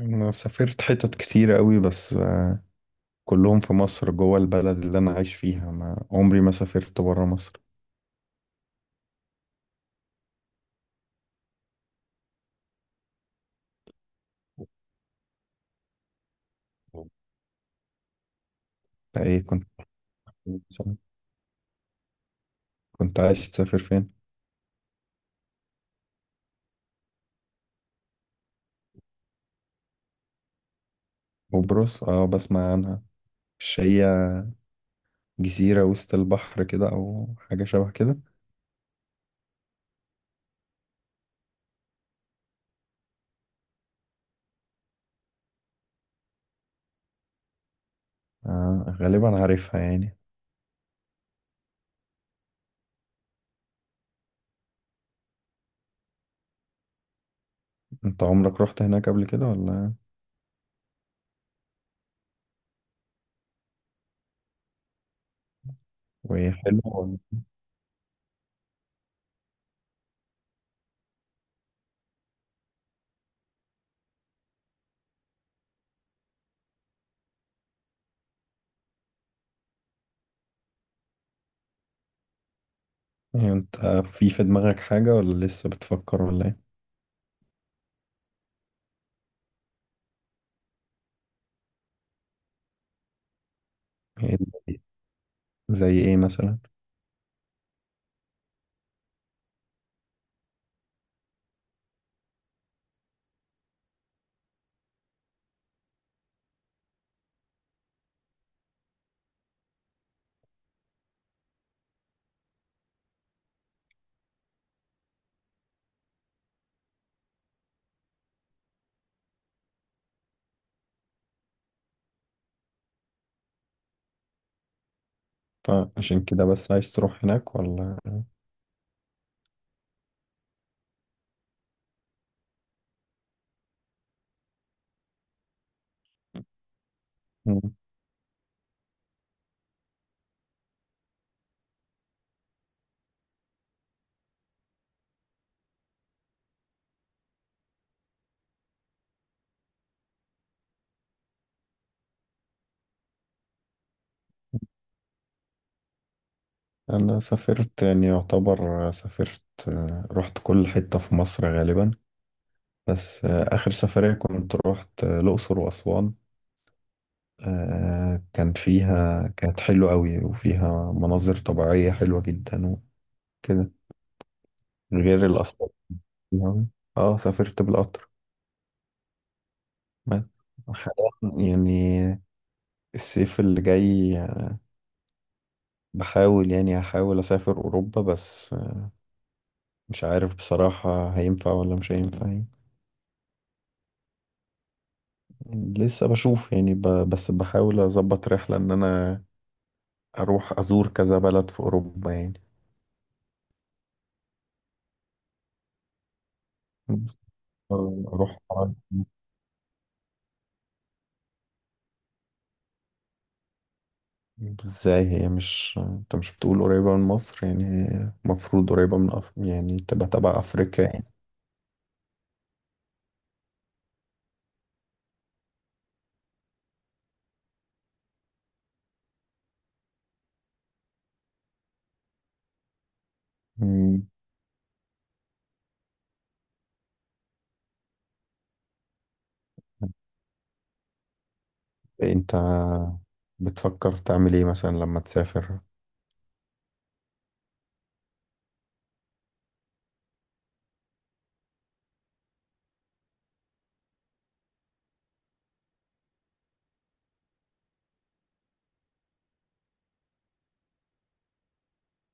انا سافرت حتت كتير قوي بس كلهم في مصر جوه البلد اللي انا عايش فيها، ما عمري ما سافرت برا مصر. أنت، ايه كنت عايش تسافر فين؟ قبرص، اه بسمع عنها. مش هي جزيرة وسط البحر كده او حاجة شبه كده؟ آه، غالبا عارفها يعني. انت عمرك رحت هناك قبل كده ولا؟ وهي حلوة ولا؟ إيه؟ يعني انت في دماغك حاجة ولا لسه بتفكر ولا ايه؟ إيه، زي زي ايه مثلا؟ طيب، عشان كده بس عايز تروح هناك ولا؟ مم. أنا سافرت يعني يعتبر سافرت. رحت كل حتة في مصر غالبا. بس آخر سفرية كنت رحت الأقصر وأسوان. كانت حلوة أوي، وفيها مناظر طبيعية حلوة جدا وكده، غير الأسعار فيها. اه، سافرت بالقطر بس. حاليا يعني، الصيف اللي جاي، بحاول يعني هحاول أسافر أوروبا، بس مش عارف بصراحة هينفع ولا مش هينفع يعني. لسه بشوف يعني بس بحاول أظبط رحلة إن أنا أروح أزور كذا بلد في أوروبا يعني. بس أروح إزاي؟ هي مش أنت مش بتقول قريبة من مصر؟ يعني هي المفروض قريبة من يعني تبقى تبع أفريقيا يعني. مم. أنت بتفكر تعمل إيه مثلا لما تسافر؟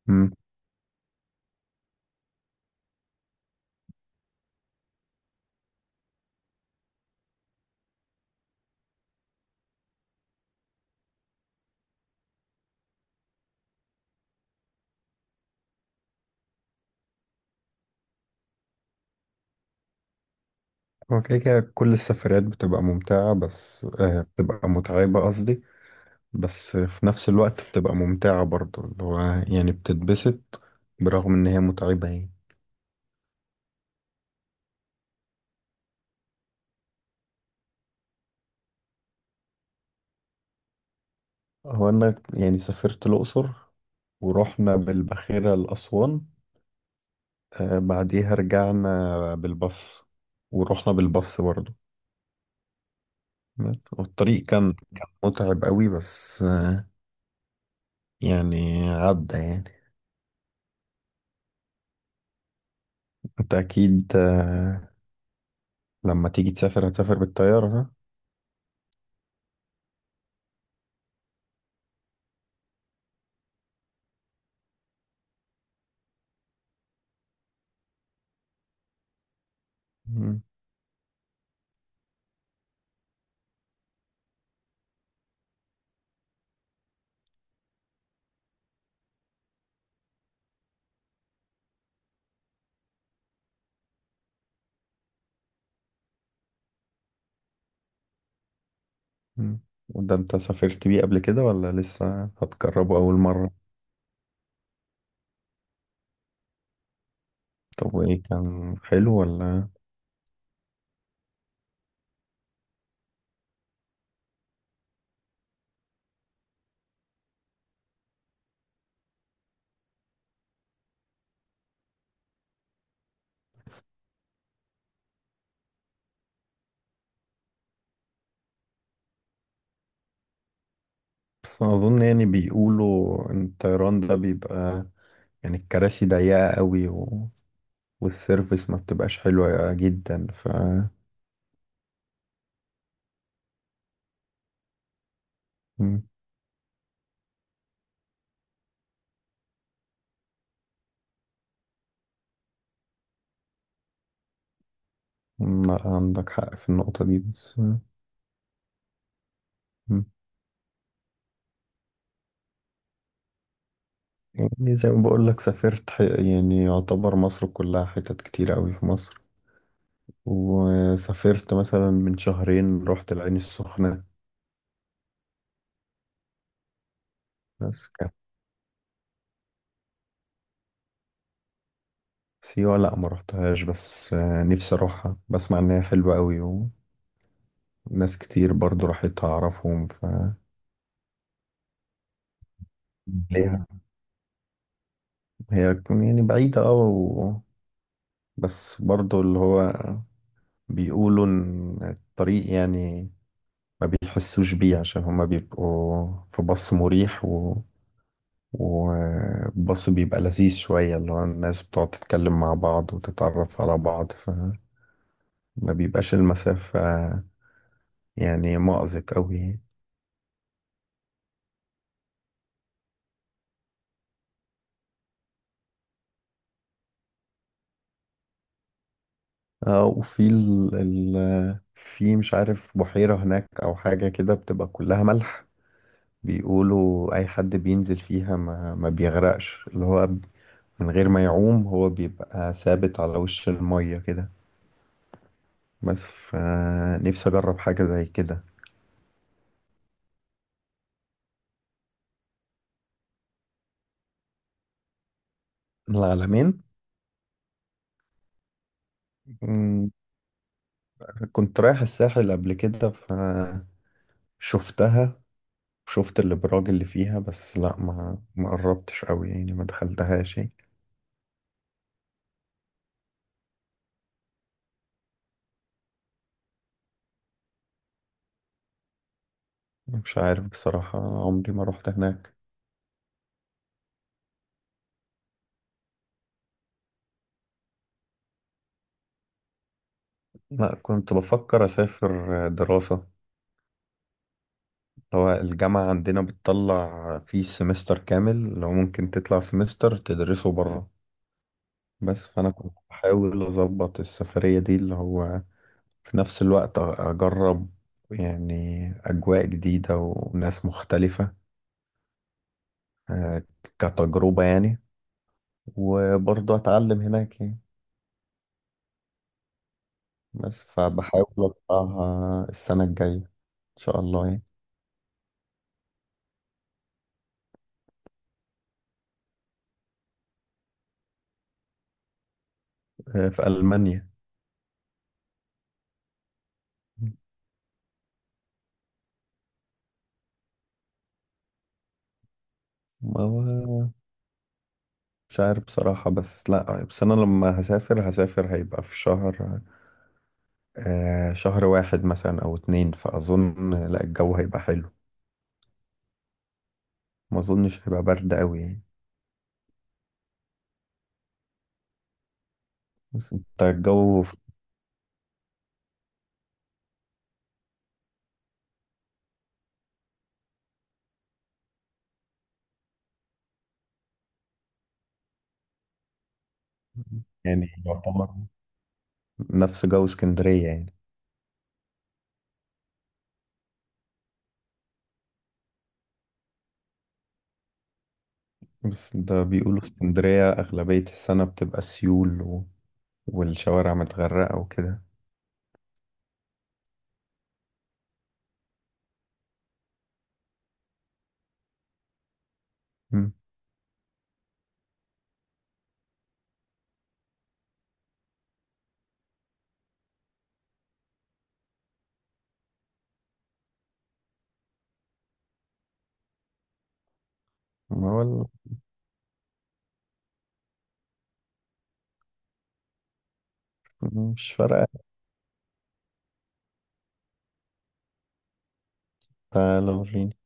مم. هو كده كده كل السفريات بتبقى ممتعة بس بتبقى متعبة، قصدي بس في نفس الوقت بتبقى ممتعة برضه، اللي هو يعني بتتبسط برغم إن هي متعبة يعني. هو أنا يعني سافرت الأقصر، ورحنا بالباخرة لأسوان. بعديها رجعنا بالباص، ورحنا بالباص برضه. والطريق كان متعب قوي بس يعني عدى يعني. أنت أكيد، لما تيجي تسافر هتسافر بالطيارة، صح؟ مم. مم. وده أنت سافرت بيه قبل كده ولا لسه هتجربه أول مرة؟ طب، وايه كان حلو ولا؟ بس اظن يعني بيقولوا ان الطيران ده بيبقى، يعني الكراسي ضيقة قوي، و... والسيرفس ما بتبقاش حلوة جدا ف. مم. لا، عندك حق في النقطة دي بس. مم. يعني زي ما بقول لك سافرت يعني يعتبر مصر كلها، حتت كتير قوي في مصر. وسافرت مثلا من شهرين رحت العين السخنة. بس كان. سيوة لا ما رحتهاش، بس نفسي اروحها. بسمع ان هي حلوة قوي. ناس كتير برضو راحت أعرفهم، ف ليها. هي تكون يعني بعيدة أوي، و... بس برضو اللي هو بيقولوا إن الطريق يعني ما بيحسوش بيه، عشان هما بيبقوا في باص مريح، و... وباص بيبقى لذيذ شوية، اللي هو الناس بتقعد تتكلم مع بعض وتتعرف على بعض، فما بيبقاش المسافة يعني مأزق أوي. اه، وفي في مش عارف بحيرة هناك أو حاجة كده بتبقى كلها ملح. بيقولوا اي حد بينزل فيها ما بيغرقش، اللي هو من غير ما يعوم، هو بيبقى ثابت على وش المية كده. بس فنفسي اجرب حاجة زي كده. العلمين. مم، كنت رايح الساحل قبل كده فشفتها. شفت الابراج اللي فيها، بس لا ما قربتش قوي يعني، ما دخلتهاش يعني. مش عارف بصراحة، عمري ما رحت هناك. لا، كنت بفكر اسافر دراسة. هو الجامعة عندنا بتطلع فيه سمستر كامل، لو ممكن تطلع سمستر تدرسه بره. بس فأنا كنت بحاول أظبط السفرية دي اللي هو في نفس الوقت أجرب يعني أجواء جديدة وناس مختلفة، آه، كتجربة يعني. وبرضه أتعلم هناك يعني. بس فبحاول أطلعها السنة الجاية إن شاء الله يعني. آه، في ألمانيا. ما هو مش عارف بصراحة. بس لا، بس أنا لما هسافر هيبقى في شهر، شهر واحد مثلا أو اتنين، فأظن لا، الجو هيبقى حلو. ما أظنش هيبقى برد أوي يعني. بس أنت الجو يعني يعتبر نفس جو اسكندرية يعني. بس ده بيقولوا اسكندرية أغلبية السنة بتبقى سيول والشوارع متغرقة وكده. مم. ما هو مش فارقة. تعالى وريني.